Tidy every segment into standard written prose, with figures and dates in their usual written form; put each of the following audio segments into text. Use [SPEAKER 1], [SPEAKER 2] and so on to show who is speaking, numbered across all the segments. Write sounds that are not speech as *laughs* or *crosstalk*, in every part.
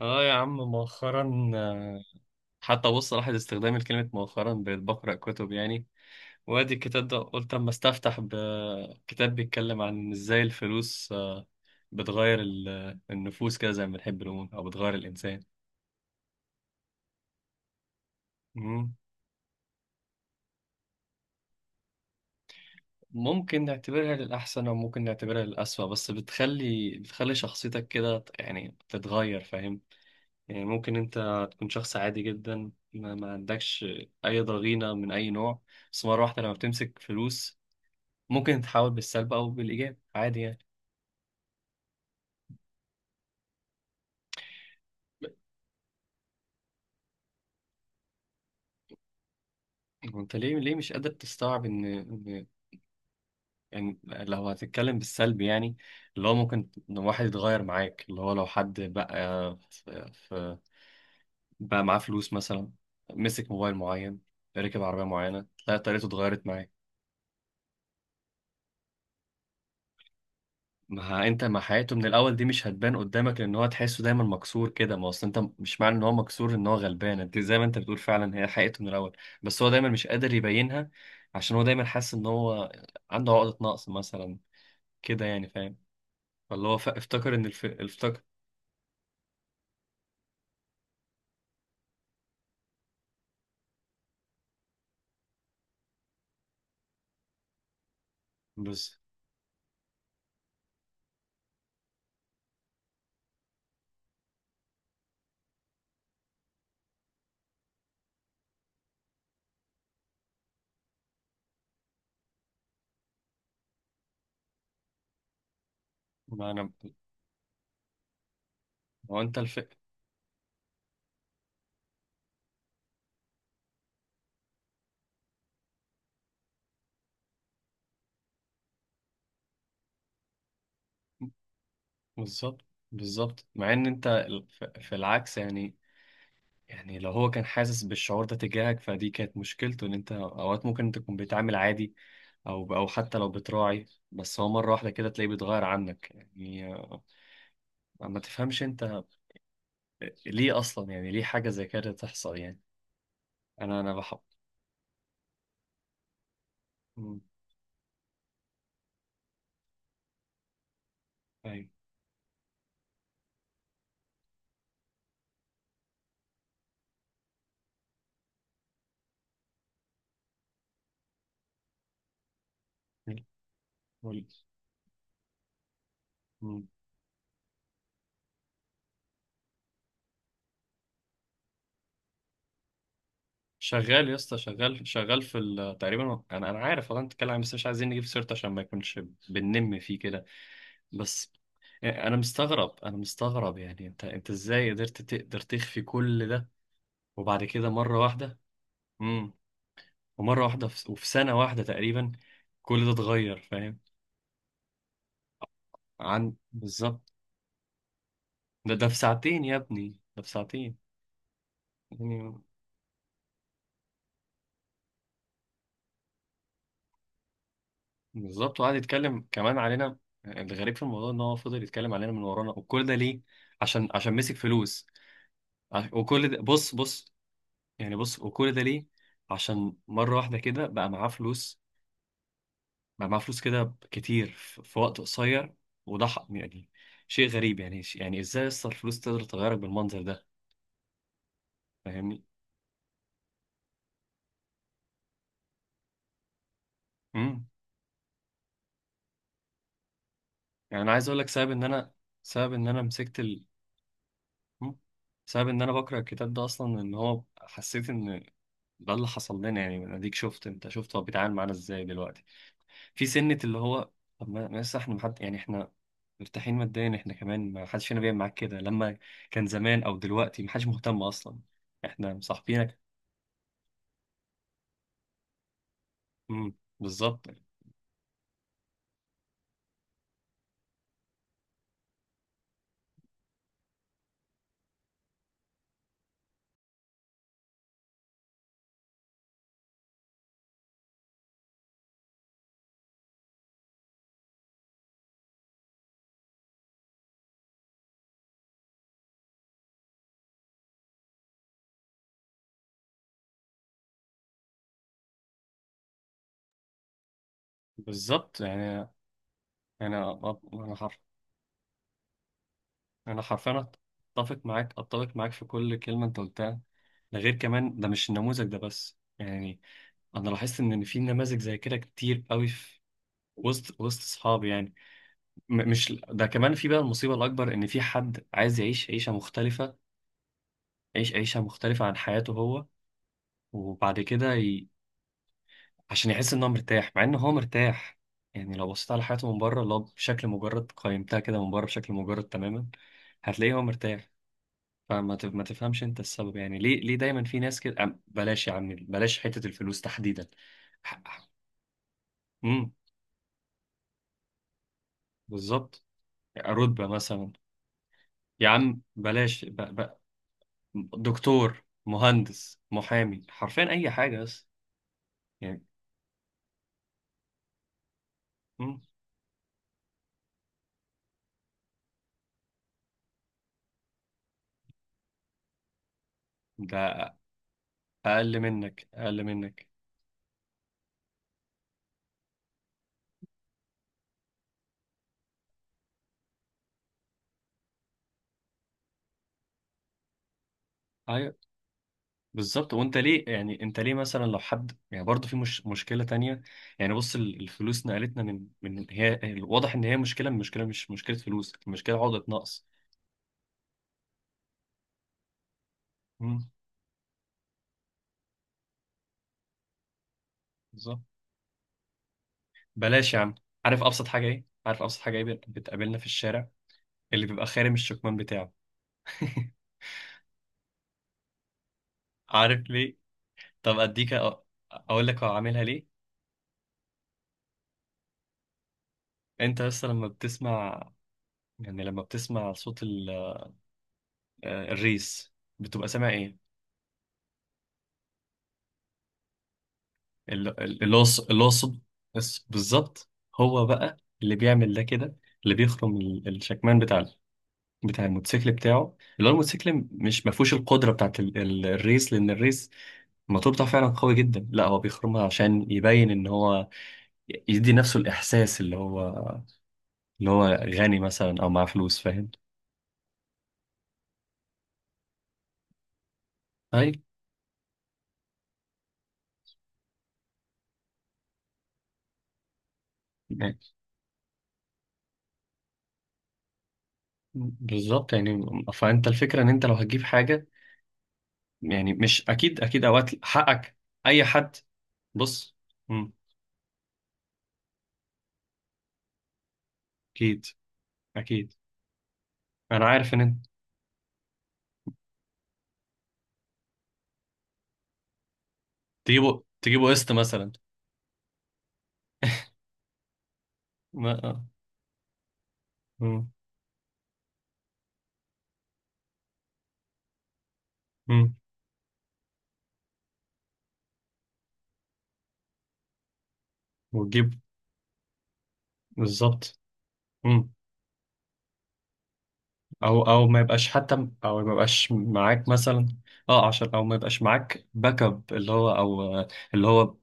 [SPEAKER 1] اه يا عم، مؤخرا حتى بص لاحظ استخدامي لكلمة مؤخرا، بقيت بقرأ كتب يعني. وادي الكتاب ده، قلت اما استفتح بكتاب بيتكلم عن ازاي الفلوس بتغير النفوس، كده زي ما بنحب نقول، او بتغير الانسان. مم. ممكن نعتبرها للأحسن أو ممكن نعتبرها للأسوأ، بس بتخلي شخصيتك كده يعني تتغير، فاهم؟ يعني ممكن أنت تكون شخص عادي جدا، ما عندكش أي ضغينة من أي نوع. بس مرة واحدة لما بتمسك فلوس، ممكن تحاول بالسلب او بالايجاب، عادي يعني. وانت ليه مش قادر تستوعب ان إن- يعني لو هتتكلم بالسلب، يعني اللي هو ممكن إن واحد يتغير معاك، اللي هو لو حد بقى بقى معاه فلوس مثلا، مسك موبايل معين، ركب عربية معينة، تلاقي طريقته اتغيرت معاه. ما انت، ما حياته من الاول دي مش هتبان قدامك، لان هو تحسه دايما مكسور كده. ما اصل انت، مش معنى ان هو مكسور ان هو غلبان. انت زي ما انت بتقول، فعلا هي حقيقته من الاول. بس هو دايما مش قادر يبينها، عشان هو دايما حاسس ان هو عنده عقدة نقص مثلا كده، يعني فاهم؟ ولا هو افتكر ان افتكر. بس ما انا ما هو انت بالظبط. بالظبط، مع ان انت في العكس يعني. يعني لو هو كان حاسس بالشعور ده تجاهك، فدي كانت مشكلته، ان انت اوقات ممكن تكون بتعامل عادي، او حتى لو بتراعي. بس هو مره واحده كده تلاقيه بيتغير عنك، يعني ما تفهمش انت ليه اصلا، يعني ليه حاجه زي كده تحصل يعني. انا بحب. مم. ايوه. قول. مم. شغال يا اسطى، شغال شغال في تقريبا. انا عارف، والله انت بتتكلم بس مش عايزين نجيب سيرته عشان ما يكونش بننم فيه كده. بس انا مستغرب، انا مستغرب يعني، انت ازاي قدرت تقدر تخفي كل ده وبعد كده مرة واحدة؟ امم. ومرة واحدة وفي سنة واحدة تقريبا كل ده اتغير، فاهم؟ عن بالظبط. ده في ساعتين يا ابني، ده في ساعتين يعني. بالظبط، وقعد يتكلم كمان علينا. الغريب في الموضوع ان هو فضل يتكلم علينا من ورانا، وكل ده ليه؟ عشان مسك فلوس. وكل ده، بص بص، يعني بص، وكل ده ليه؟ عشان مرة واحدة كده بقى معاه فلوس. بقى معاه فلوس كده كتير في وقت قصير. يعني شيء غريب، يعني يعني ازاي اصلا الفلوس تقدر تغيرك بالمنظر ده؟ فاهمني؟ امم. يعني انا عايز اقول لك سبب ان انا، سبب ان انا مسكت مم. سبب ان انا بكره الكتاب ده اصلا، ان هو حسيت ان ده اللي حصل لنا يعني، من اديك شفت، انت شفت هو بيتعامل معانا ازاي دلوقتي في سنة. اللي هو طب ما لسه احنا، محد يعني، احنا مرتاحين ماديا، احنا كمان ما حدش فينا بيعمل معاك كده لما كان زمان او دلوقتي، ما حدش مهتم اصلا. احنا مصاحبينك. امم. بالظبط. بالظبط يعني. انا انا انا حرفيا اتفق معاك، اتفق معاك في كل كلمه انت قلتها. ده غير كمان، ده مش النموذج ده بس يعني. انا لاحظت ان في نماذج زي كده كتير قوي في وسط اصحابي يعني. مش ده كمان، في بقى المصيبه الاكبر، ان في حد عايز يعيش عيشه مختلفه، يعيش عيشه مختلفه عن حياته هو. وبعد كده عشان يحس ان هو مرتاح، مع ان هو مرتاح. يعني لو بصيت على حياته من بره، لو بشكل مجرد قيمتها كده من بره بشكل مجرد تماما، هتلاقيه هو مرتاح. ما تفهمش انت السبب، يعني ليه دايما في ناس كده. بلاش يا عم، بلاش حتة الفلوس تحديدا. امم. بالظبط. رتبة مثلا. يا عم بلاش دكتور، مهندس، محامي، حرفيا اي حاجة، بس يعني. امم. ده اقل منك، اقل منك. أيوه. بالظبط. وانت ليه يعني، انت ليه مثلا لو حد يعني، برضه في مش مشكله تانية يعني. بص، الفلوس نقلتنا من هي، واضح ان هي مشكله، من مشكله مش مشكله فلوس، المشكله عقده نقص. مم. بالظبط. بلاش يا عم. عارف ابسط حاجه ايه؟ عارف ابسط حاجه ايه بتقابلنا في الشارع؟ اللي بيبقى خارم الشكمان بتاعه. *laughs* عارف ليه؟ طب اديك اقول لك هو عاملها ليه. انت بس لما بتسمع، يعني لما بتسمع صوت الريس، بتبقى سامع ايه؟ القصب. بالظبط. هو بقى اللي بيعمل ده كده، اللي بيخرم الشكمان بتاع بتاع الموتوسيكل بتاعه، اللي هو الموتوسيكل مش ما فيهوش القدره بتاعت الريس. لان الريس، الموتور بتاعه فعلا قوي جدا. لا، هو بيخرمها عشان يبين ان هو يدي نفسه الاحساس، اللي هو غني مثلا او معاه فلوس، فاهم؟ اي، بالظبط يعني. فانت الفكره ان انت لو هتجيب حاجه، يعني مش اكيد اكيد اوقات حقك. اي حد. بص. اكيد، اكيد. انا عارف ان انت تجيبوا قسط مثلا. ما آه. مم. مم. وتجيب. بالظبط. مم. او ما يبقاش حتى، او ما يبقاش معاك مثلا. اه، عشان او ما يبقاش معاك باك اب، اللي هو او آه، اللي هو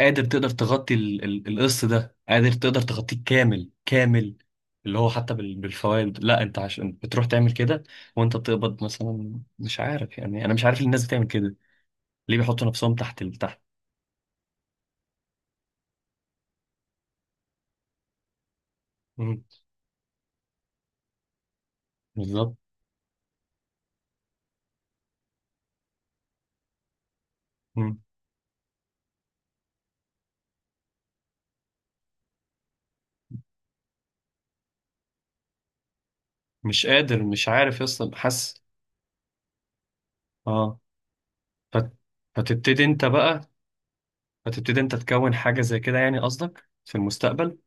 [SPEAKER 1] قادر تقدر تغطي القسط ده، قادر تقدر تغطيه كامل كامل، اللي هو حتى بالفوائد. لا، انت عشان بتروح تعمل كده وانت بتقبض مثلا، مش عارف يعني. انا مش عارف الناس بتعمل كده ليه، بيحطوا نفسهم تحت تحت. مم. بالظبط. مم. مش قادر، مش عارف اصلا، حاسس. اه. فت... فتبتدي انت بقى، فتبتدي انت تكون حاجه زي كده يعني، قصدك في المستقبل.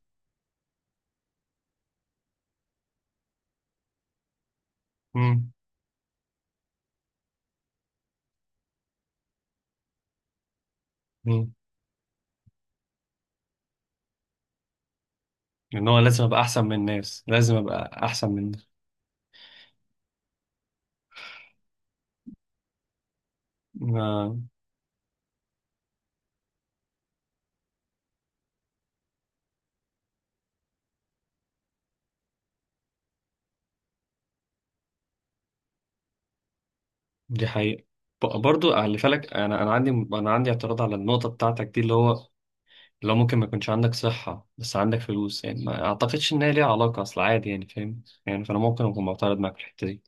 [SPEAKER 1] امم. ان هو لازم ابقى احسن من الناس، لازم ابقى احسن من الناس. آه. دي حقيقه. برضو خلي بالك، انا عندي، اعتراض على النقطه بتاعتك دي، اللي هو لو ممكن ما يكونش عندك صحه بس عندك فلوس، يعني ما اعتقدش ان هي ليها علاقه، اصل عادي يعني، فاهم يعني؟ فانا ممكن اكون معترض معاك في الحته دي.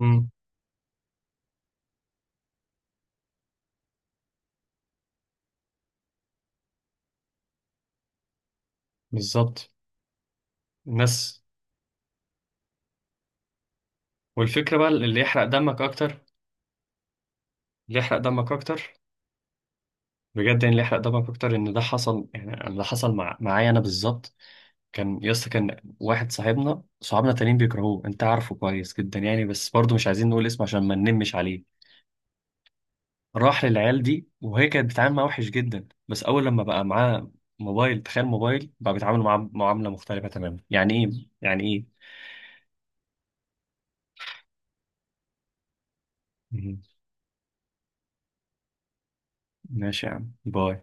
[SPEAKER 1] امم. بالظبط. الناس والفكرة بقى، اللي يحرق دمك أكتر، اللي يحرق دمك أكتر بجد يعني، اللي يحرق دمك أكتر إن ده حصل يعني، أنا ده حصل معايا أنا بالظبط. كان يسطا، كان واحد صاحبنا، صحابنا تانيين بيكرهوه أنت عارفه كويس جدا يعني، بس برضه مش عايزين نقول اسمه عشان ما ننمش عليه. راح للعيال دي وهي كانت بتتعامل معاه وحش جدا، بس أول لما بقى معاه موبايل، تخيل، موبايل، بقى بيتعامل معاه معاملة مختلفة تماما. يعني إيه يعني إيه؟ مهم. ماشي يا عم، باي.